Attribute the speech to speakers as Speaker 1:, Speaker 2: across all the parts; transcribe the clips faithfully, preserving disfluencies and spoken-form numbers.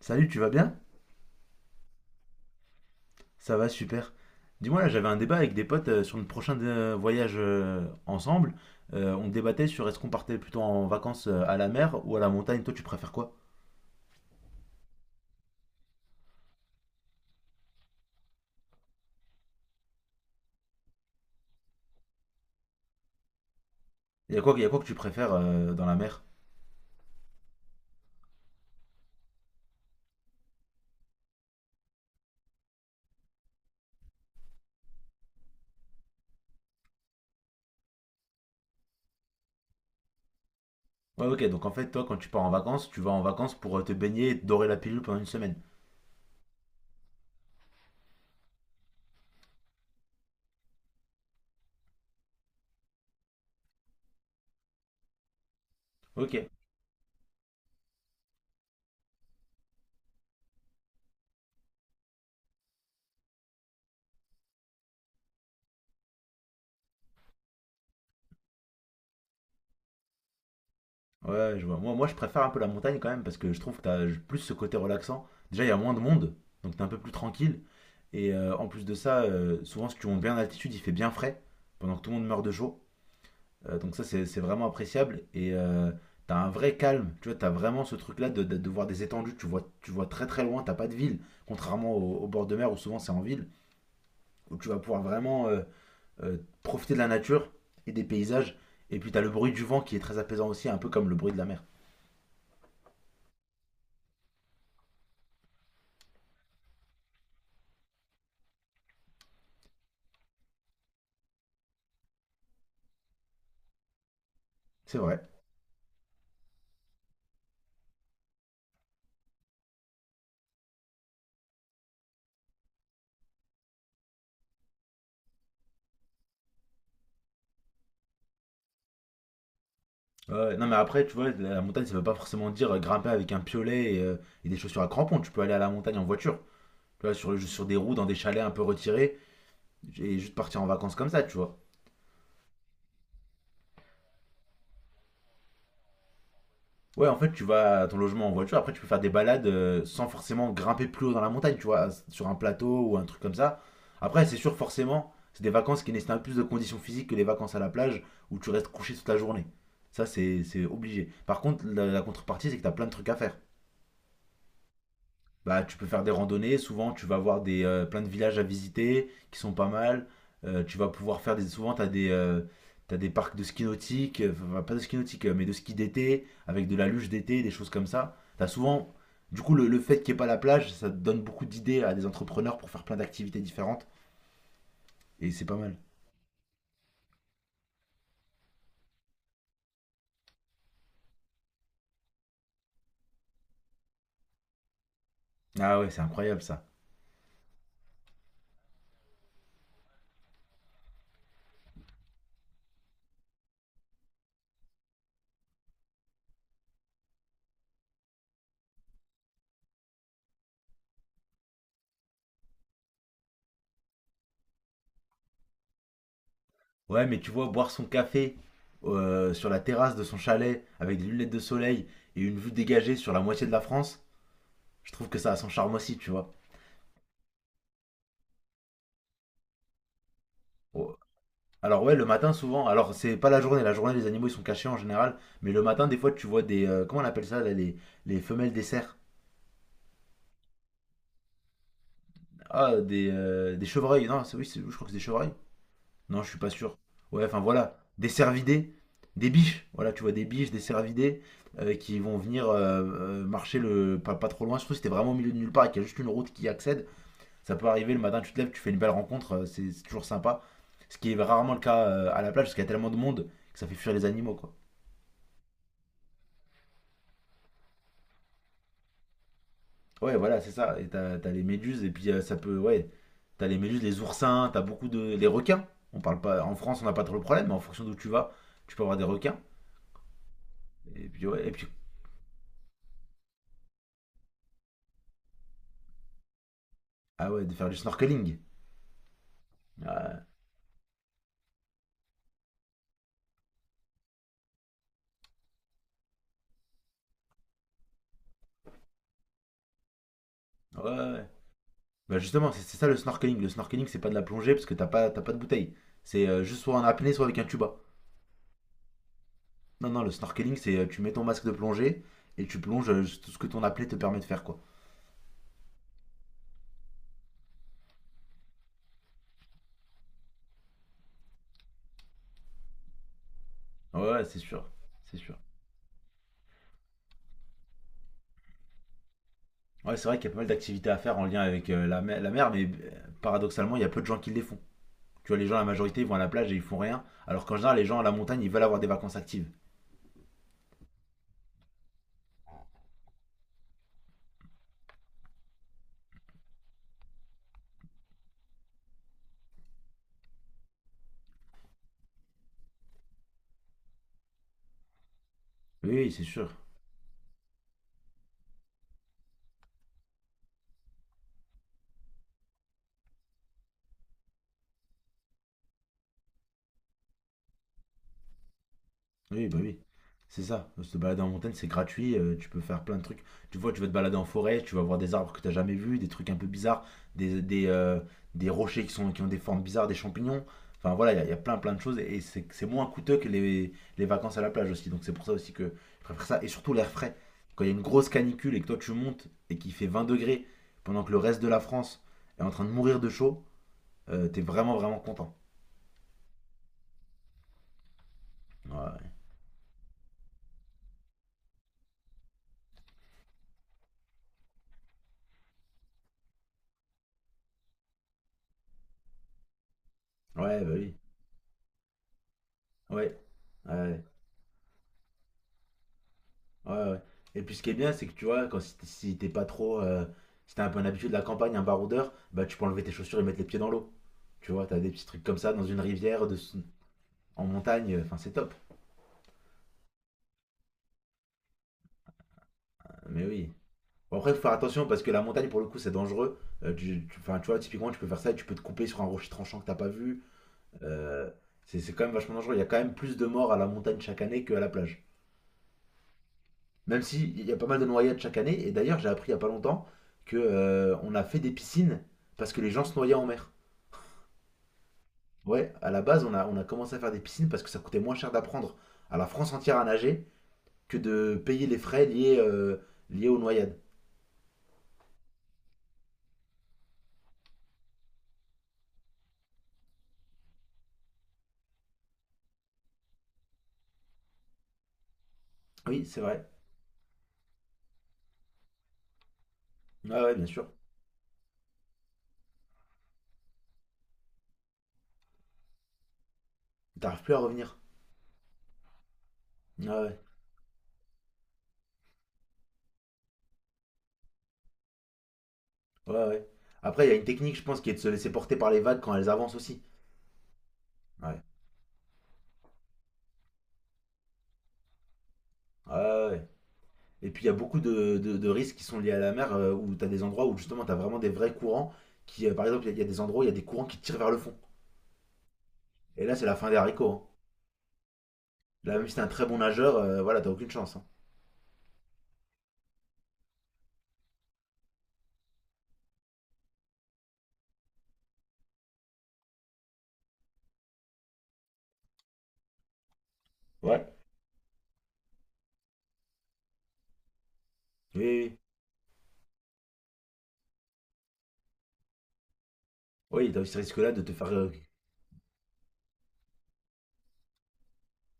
Speaker 1: Salut, tu vas bien? Ça va, super. Dis-moi, là, j'avais un débat avec des potes euh, sur notre prochain euh, voyage euh, ensemble. Euh, on débattait sur est-ce qu'on partait plutôt en vacances euh, à la mer ou à la montagne. Toi, tu préfères quoi? Il y a quoi, il y a quoi que tu préfères euh, dans la mer? Ouais, ok, donc en fait, toi, quand tu pars en vacances, tu vas en vacances pour euh, te baigner et te dorer la pilule pendant une semaine. Ok. Ouais, je vois. Moi, moi, je préfère un peu la montagne quand même parce que je trouve que t'as plus ce côté relaxant. Déjà, il y a moins de monde, donc t'es un peu plus tranquille. Et euh, en plus de ça, euh, souvent, si tu montes bien en altitude, il fait bien frais pendant que tout le monde meurt de chaud. Euh, donc ça, c'est c'est vraiment appréciable. Et euh, t'as un vrai calme. Tu vois, t'as vraiment ce truc-là de, de- de voir des étendues. Tu vois, tu vois très très loin. T'as pas de ville, contrairement au, au bord de mer où souvent c'est en ville, où tu vas pouvoir vraiment euh, euh, profiter de la nature et des paysages. Et puis t'as le bruit du vent qui est très apaisant aussi, un peu comme le bruit de la mer. C'est vrai. Ouais, non mais après tu vois la montagne ça veut pas forcément dire euh, grimper avec un piolet et, euh, et des chaussures à crampons, tu peux aller à la montagne en voiture, tu vois sur, le- sur des roues dans des chalets un peu retirés et juste partir en vacances comme ça, tu vois. Ouais, en fait tu vas à ton logement en voiture, après tu peux faire des balades euh, sans forcément grimper plus haut dans la montagne, tu vois, sur un plateau ou un truc comme ça. Après c'est sûr forcément, c'est des vacances qui nécessitent un peu plus de conditions physiques que les vacances à la plage où tu restes couché toute la journée. Ça c'est c'est obligé. Par contre la, la contrepartie c'est que t'as plein de trucs à faire. Bah, tu peux faire des randonnées. Souvent, tu vas avoir des, euh, plein de villages à visiter qui sont pas mal. Euh, tu vas pouvoir faire des. Souvent, tu as des. euh, T'as des parcs de ski nautique, euh, enfin, pas de ski nautique, euh, mais de ski d'été, avec de la luge d'été, des choses comme ça. T'as souvent, du coup, le, le fait qu'il n'y ait pas la plage, ça te donne beaucoup d'idées à des entrepreneurs pour faire plein d'activités différentes, et c'est pas mal. Ah ouais, c'est incroyable ça. Ouais, mais tu vois, boire son café euh, sur la terrasse de son chalet, avec des lunettes de soleil, et une vue dégagée sur la moitié de la France, je trouve que ça a son charme aussi, tu vois. Oh. Alors ouais, le matin souvent. Alors c'est pas la journée, la journée les animaux ils sont cachés en général, mais le matin des fois tu vois des euh, comment on appelle ça là, les les femelles des cerfs. Ah des euh, des chevreuils. Non, c'est oui, c'est- je crois que c'est des chevreuils. Non, je suis pas sûr. Ouais, enfin voilà, des cervidés, des biches. Voilà, tu vois des biches, des cervidés euh, qui vont venir euh, euh, marcher le pas, pas trop loin. Surtout si t'es vraiment au milieu de nulle part et qu'il y a juste une route qui y accède, ça peut arriver le matin, tu te lèves, tu fais une belle rencontre, euh, c'est c'est toujours sympa. Ce qui est rarement le cas euh, à la plage parce qu'il y a tellement de monde que ça fait fuir les animaux quoi. Ouais, voilà, c'est ça. Et t'as, t'as les méduses, et puis euh, ça peut. Ouais, t'as les méduses, les oursins, t'as beaucoup de. Les requins. On parle pas. En France, on n'a pas trop le problème, mais en fonction d'où tu vas, tu peux avoir des requins. Et puis, ouais, et puis. Ah ouais, de faire du snorkeling. Ouais, ouais, ouais, ouais. Bah justement, c'est c'est ça le snorkeling. Le snorkeling, c'est pas de la plongée parce que t'as pas, t'as pas de bouteille. C'est euh, juste soit en apnée, soit avec un tuba. Non, non, le snorkeling, c'est euh, tu mets ton masque de plongée et tu plonges euh, tout ce que ton apnée te permet de faire, quoi. Ouais, ouais, c'est sûr. C'est sûr. Ouais, c'est vrai qu'il y a pas mal d'activités à faire en lien avec euh, la, mer, la mer, mais euh, paradoxalement, il y a peu de gens qui les font. Tu vois, les gens, la majorité, ils vont à la plage et ils font rien, alors qu'en général, les gens à la montagne, ils veulent avoir des vacances actives. Oui, oui, c'est sûr. Oui, bah oui, c'est ça. Se balader en montagne, c'est gratuit, heu, tu peux faire plein de trucs. Tu vois, tu vas te balader en forêt, tu vas voir des arbres que t'as jamais vus, des trucs un peu bizarres, des des, heu, des rochers qui sont qui ont des formes bizarres, des champignons. Enfin voilà, il y a il y a plein, plein de choses et c'est c'est moins coûteux que les les vacances à la plage aussi. Donc c'est pour ça aussi que je préfère ça et surtout l'air frais. Quand il y a une grosse canicule et que toi tu montes et qu'il fait vingt degrés pendant que le reste de la France est en train de mourir de chaud, heu, tu vraiment, vraiment content. Ouais, ouais, bah oui. Ouais, ouais. Ouais, ouais. Et puis ce qui est bien, c'est que tu vois, quand si t'es si t'es pas trop. Euh, si t'as un peu un habitué de la campagne, un baroudeur, bah tu peux enlever tes chaussures et mettre les pieds dans l'eau. Tu vois, t'as des petits trucs comme ça dans une rivière, de, en montagne, enfin c'est top. Mais oui. Bon, après, faut faire attention parce que la montagne, pour le coup, c'est dangereux. Euh, tu, tu- enfin, tu vois, typiquement, tu peux faire ça et tu peux te couper sur un rocher tranchant que t'as pas vu. Euh, c'est c'est quand même vachement dangereux. Il y a quand même plus de morts à la montagne chaque année qu'à la plage. Même si il y a pas mal de noyades chaque année. Et d'ailleurs, j'ai appris il y a pas longtemps que euh, on a fait des piscines parce que les gens se noyaient en mer. Ouais, à la base, on a, on a commencé à faire des piscines parce que ça coûtait moins cher d'apprendre à la France entière à nager que de payer les frais liés, euh, liés aux noyades. Oui, c'est vrai. Ouais, ouais, bien sûr. T'arrives plus à revenir. Ouais, ouais, ouais, ouais. Après, il y a une technique, je pense, qui est de se laisser porter par les vagues quand elles avancent aussi. Ouais, ouais, ouais, ouais. Et puis, il y a beaucoup de, de- de risques qui sont liés à la mer euh, où t'as des endroits où justement t'as vraiment des vrais courants qui, euh, par exemple, il y, a- il y a des endroits où il y a des courants qui te tirent vers le fond. Et là, c'est la fin des haricots, hein. Là, même si t'es un très bon nageur, euh, voilà, t'as aucune chance, hein. Ouais. Oui, oui, oui. Oui, t'as as ce risque-là de te faire. euh,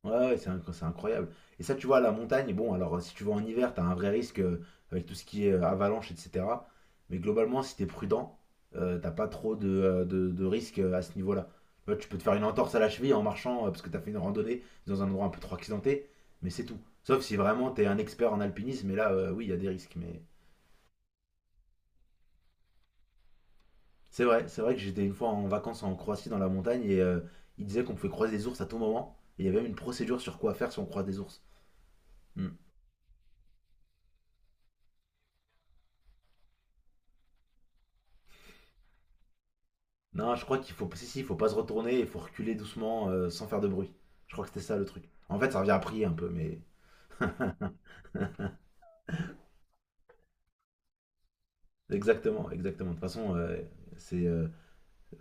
Speaker 1: Ouais, ouais, c'est inc- c'est incroyable. Et ça, tu vois, à la montagne, bon, alors euh, si tu vas en hiver, t'as un vrai risque euh, avec tout ce qui est euh, avalanche, et cetera. Mais globalement, si t'es prudent, euh, t'as pas trop de, euh, de, de risques euh, à ce niveau-là. Tu vois, tu peux te faire une entorse à la cheville en marchant euh, parce que t'as fait une randonnée dans un endroit un peu trop accidenté, mais c'est tout. Sauf si vraiment t'es un expert en alpinisme, et là, euh, oui, il y a des risques. Mais c'est vrai, c'est vrai que j'étais une fois en vacances en Croatie dans la montagne et euh, ils disaient qu'on pouvait croiser des ours à tout moment. Et il y avait même une procédure sur quoi faire si on croise des ours. Hmm. Non, je crois qu'il faut, si, si, il faut pas se retourner, il faut reculer doucement euh, sans faire de bruit. Je crois que c'était ça le truc. En fait, ça revient à prier un peu, mais exactement, exactement. De toute façon, euh, c'est euh,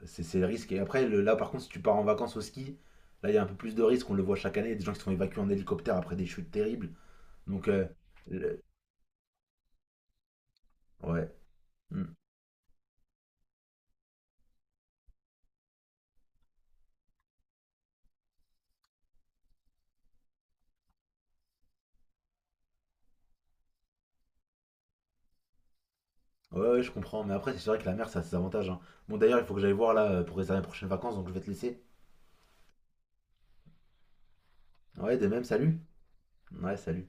Speaker 1: c'est c'est le risque. Et après, le- là, par contre, si tu pars en vacances au ski, là, il y a un peu plus de risques. On le voit chaque année, il y a des gens qui sont évacués en hélicoptère après des chutes terribles. Donc, euh, le- ouais. Hmm. Ouais, ouais, je comprends. Mais après, c'est vrai que la mer, ça a ses avantages, hein. Bon, d'ailleurs, il faut que j'aille voir là pour réserver les prochaines vacances, donc je vais te laisser. Ouais, de même, salut. Ouais, salut.